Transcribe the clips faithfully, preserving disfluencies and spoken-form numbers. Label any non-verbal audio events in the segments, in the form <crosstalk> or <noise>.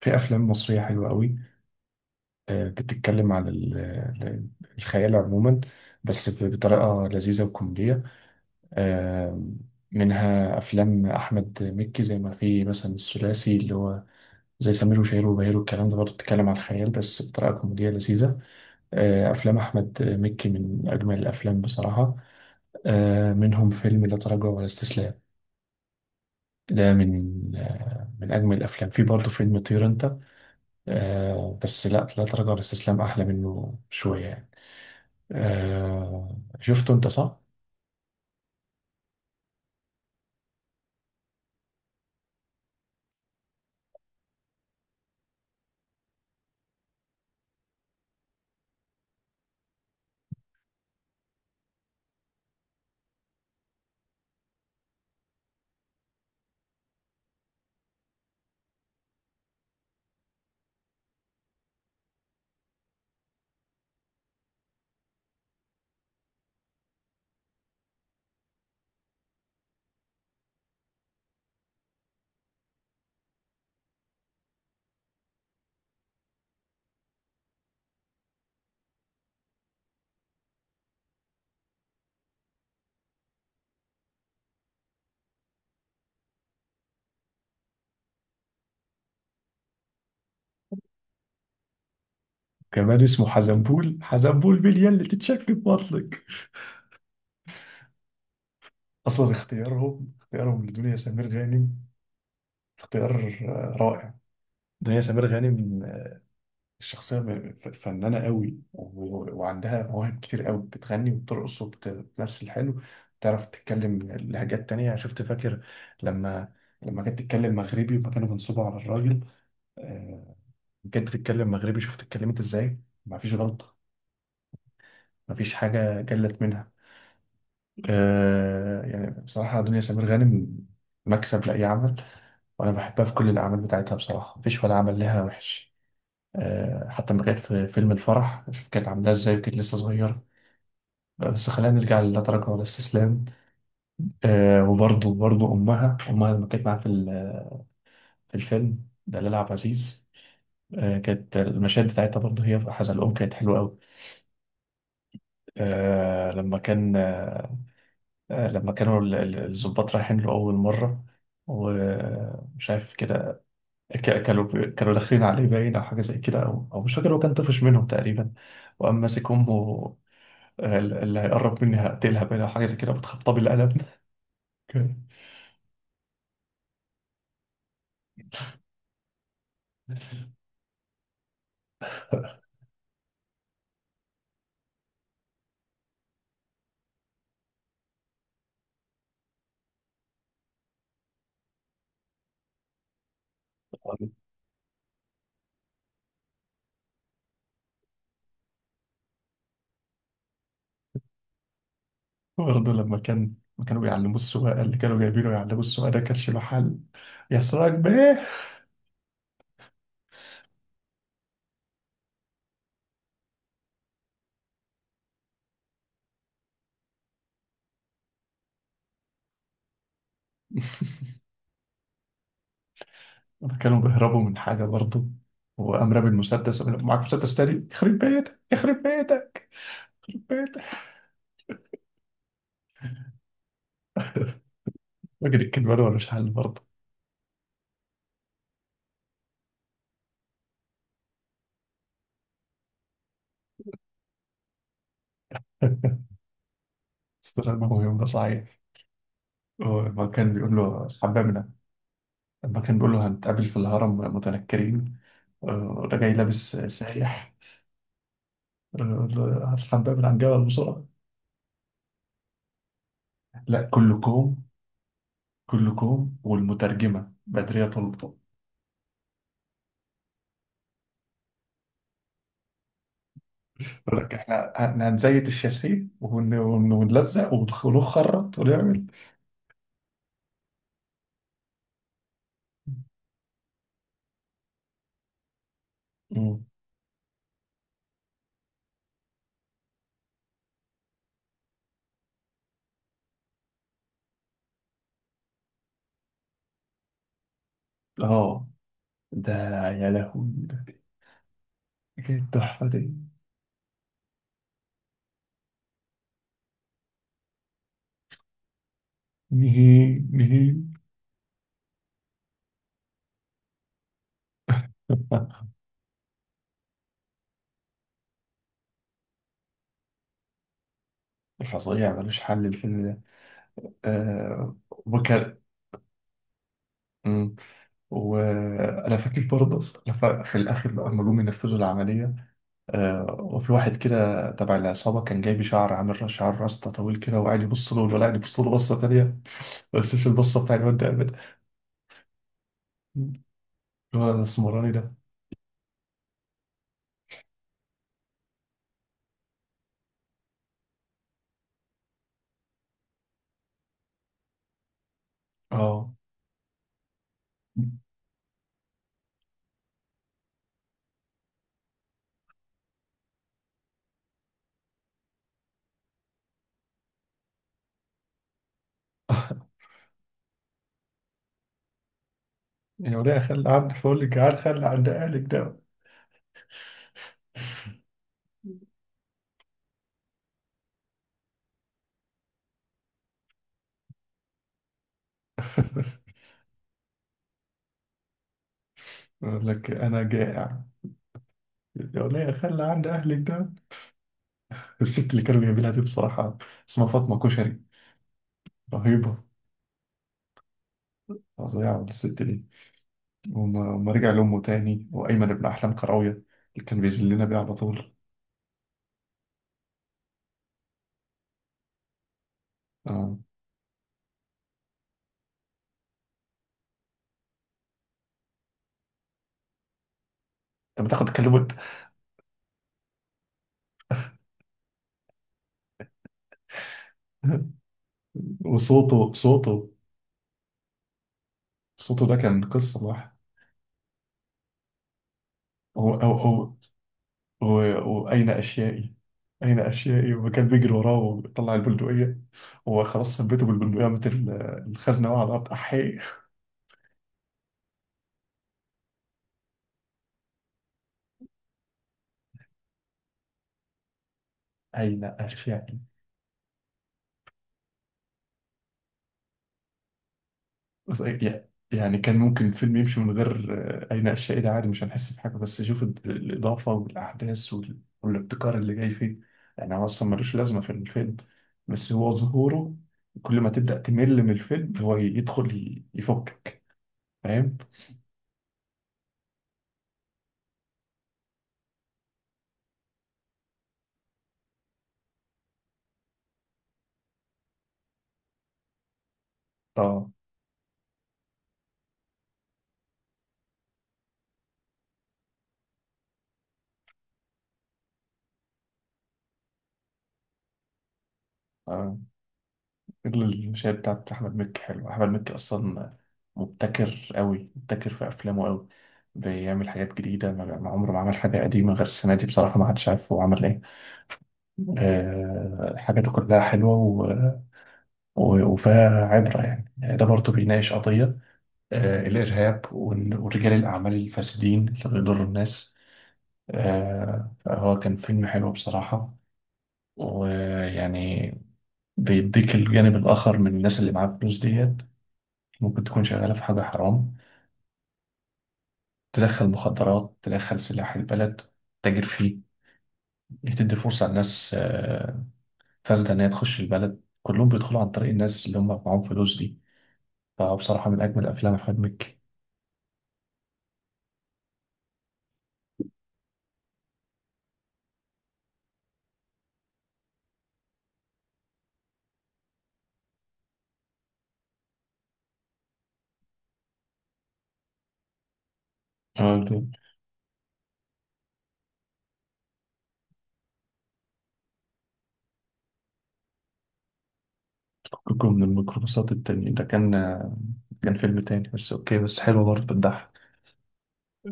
في افلام مصريه حلوه قوي. آه، بتتكلم عن ال- ال- الخيال عموما. بس بطريقه لذيذه وكوميديه. آه، منها افلام احمد مكي، زي ما في مثلا الثلاثي اللي هو زي سمير وشهير وبهير، والكلام ده برضه بتتكلم على الخيال بس بطريقة كوميدية لذيذة. آه، أفلام أحمد مكي من أجمل الأفلام بصراحة. آه، منهم فيلم لا تراجع ولا استسلام. ده من آه، من أجمل الأفلام. في برضه فيلم طير أنت. آه، بس لا لا تراجع ولا استسلام احلى منه شويه يعني. آه، شفته انت؟ صح. كمان اسمه حزنبول، حزنبول باليا اللي تتشك في بطنك. اصلا اختيارهم اختيارهم لدنيا سمير غانم. اختيار آه، رائع. دنيا سمير غانم. آه، شخصيه م- ف- فنانه قوي، و- وعندها مواهب كتير قوي، بتغني وبترقص وبتمثل حلو. بتعرف تتكلم لهجات تانية. شفت؟ فاكر؟ لما لما كانت تتكلم مغربي، وما كانوا بينصبوا على الراجل. آه، بجد تتكلم مغربي. شوف اتكلمت ازاي. مفيش غلطة. مفيش حاجة جلت منها. آه، يعني بصراحة دنيا سمير غانم مكسب لأي عمل. وأنا بحبها في كل الأعمال بتاعتها بصراحة. مفيش ولا عمل لها وحش. آه، حتى لما كانت في فيلم الفرح، شوف كانت عاملاها ازاي، وكانت لسه صغيرة. بس خلينا نرجع للا تراجع ولا استسلام. آه، وبرضه برضه أمها أمها لما كانت معاها في ال- في الفيلم دلال عبد العزيز. آه، كانت المشاهد بتاعتها برضه، هي في حزن الأم، كانت حلوة أوي. آه، لما كان، آه، لما كانوا ال- ال- الضباط رايحين له أول مرة، ومش عارف كده، ك- كانوا ب- كانوا داخلين عليه، باين، أو حاجة زي كده، أو أو مش فاكر، هو كان طفش منهم تقريبا، وقام ماسك أمه. آه، اللي هيقرب مني هقتلها، باين، أو حاجة زي كده، بتخبطها بالقلم. <laughs> برضه لما كان لما كانوا بيعلموا السواقة، اللي كانوا جايبينه يعلموا السواقة ده، كانش له حل. يا سراج بيه. <laughs> لما كانوا بيهربوا من حاجة برضه، وقام رامي المسدس وقال له، معاك مسدس تاني؟ يخرب بيتك، يخرب بيتك. بيت فاكر الكلمة ولا مش حل برضه؟ <laughs> استغرب، ما هو يوم ده صعيد. لما كان بيقول له حبابنا. لما كان بيقول له، هنتقابل في الهرم متنكرين. آه، ده جاي لابس سايح. آه، الحباب عن جبل بسرعة. لا، كلكم. كلكم، والمترجمة بدرية طلبة. يقول لك، احنا احنا هنزيت الشاسيه ون- ون- ونلزق ونخرط ونعمل. مم. اه، ده يا لهوي، ده كانت تحفة دي. نهي نهي. فظيع ملوش حل الفيلم ده. آه، وكر. مم. وانا فاكر برضه، لف- في الاخر بقى لما جم ينفذوا العمليه، آه، وفي واحد كده تبع العصابه، كان جايب شعر، عامل شعر راستا طويل كده، وقاعد يبص له، ولا قاعد يبص له بصه تانيه. <laughs> بس مش البصه بتاع الواد ده ابدا، اللي هو الاسمراني ده. اه، يا وليه خلي عندي، فقول لك جعان، خلي عند اهلك ده. <laughs> يقول لك انا جائع. يا وليه خلي عند اهلك. الست اللي كانوا جايبينها دي بصراحة، اسمها فاطمة كشري، رهيبة. فظيعة الست دي. وما وما رجع لأمه تاني، وأيمن ابن أحلام كراوية، اللي كان بيذلنا بيه على طول. آه. أنت بتاخد كلمة. <laughs> وصوته صوته صوته ده كان قصة لوحده. أو أو أو و- وأين أشيائي. أين أشيائي، وكان بيجري وراه وطلع البندقية. هو خلاص ثبته بالبندقية مثل الخزنة. وقع على الأرض، أحي. أين أشيائي. بس يع- يعني كان ممكن الفيلم يمشي من غير آه، أي نقاش، عادي، عادي، مش هنحس بحاجة. بس شوف ال- الإضافة والأحداث وال- والابتكار اللي جاي فيه. يعني هو أصلا ملوش لازمة في الفيلم، بس هو ظهوره، كل ما تبدأ تمل من الفيلم هو يدخل ي- يفكك. فاهم؟ اه، آه. غير الشاي بتاعت أحمد مكي حلو. أحمد مكي أصلا مبتكر أوي، مبتكر في أفلامه أوي. بيعمل حاجات جديدة، ما ما عمره ما عمل حاجة قديمة، غير السنة دي بصراحة ما حدش عارف هو عمل إيه. آه، حاجاته كلها حلوة و- و- وفيها عبرة يعني يعني ده برضه بيناقش قضية، آه، الإرهاب، وإن- ورجال الأعمال الفاسدين اللي بيضروا الناس. آه، فهو كان فيلم حلو بصراحة. ويعني بيديك الجانب الآخر من الناس اللي معاها فلوس ديت، ممكن تكون شغالة في حاجة حرام، تدخل مخدرات، تدخل سلاح البلد، تتاجر فيه. بتدي فرصة لناس، آه، فاسدة إن هي تخش البلد. كلهم بيدخلوا عن طريق الناس اللي هم معاهم فلوس دي. فبصراحة من أجمل أفلام أحمد مكي. آه، ده فككم من الميكروباصات التانية، ده كان آه، كان فيلم تاني، بس أوكي، بس حلو برضه، بتضحك.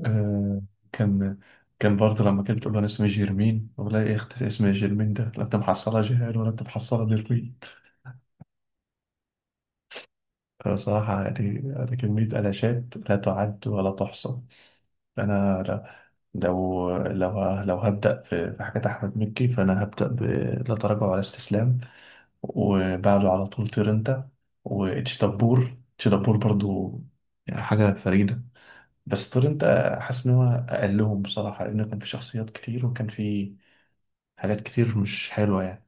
آه، كان كان برضه لما كانت بتقول له، أنا اسمي جيرمين، والله يا أختي اسمي جيرمين، ده لا أنت محصلة جهال ولا أنت محصلة ديرمين. أنا صراحة يعني أنا كمية ألاشات لا تعد ولا تحصى. أنا لو لو لو لو هبدأ في في حاجات أحمد مكي، فأنا هبدأ ب لا تراجع ولا استسلام، وبعده على طول طير أنت، وإتش دبور، إتش دبور برضو، يعني حاجة فريدة. بس طير أنت، حاسس إن هو أقلهم بصراحة، لأن كان في شخصيات كتير وكان في حاجات كتير مش حلوة يعني.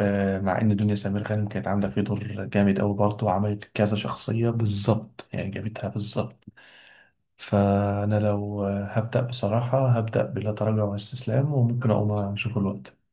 آه، مع ان دنيا سمير غانم كانت عامله فيه دور جامد قوي برضه، وعملت كذا شخصيه بالظبط، يعني جابتها بالظبط. فانا لو آه، هبدا بصراحه، هبدا بلا تراجع ولا استسلام، وممكن اقوم اشوف الوقت.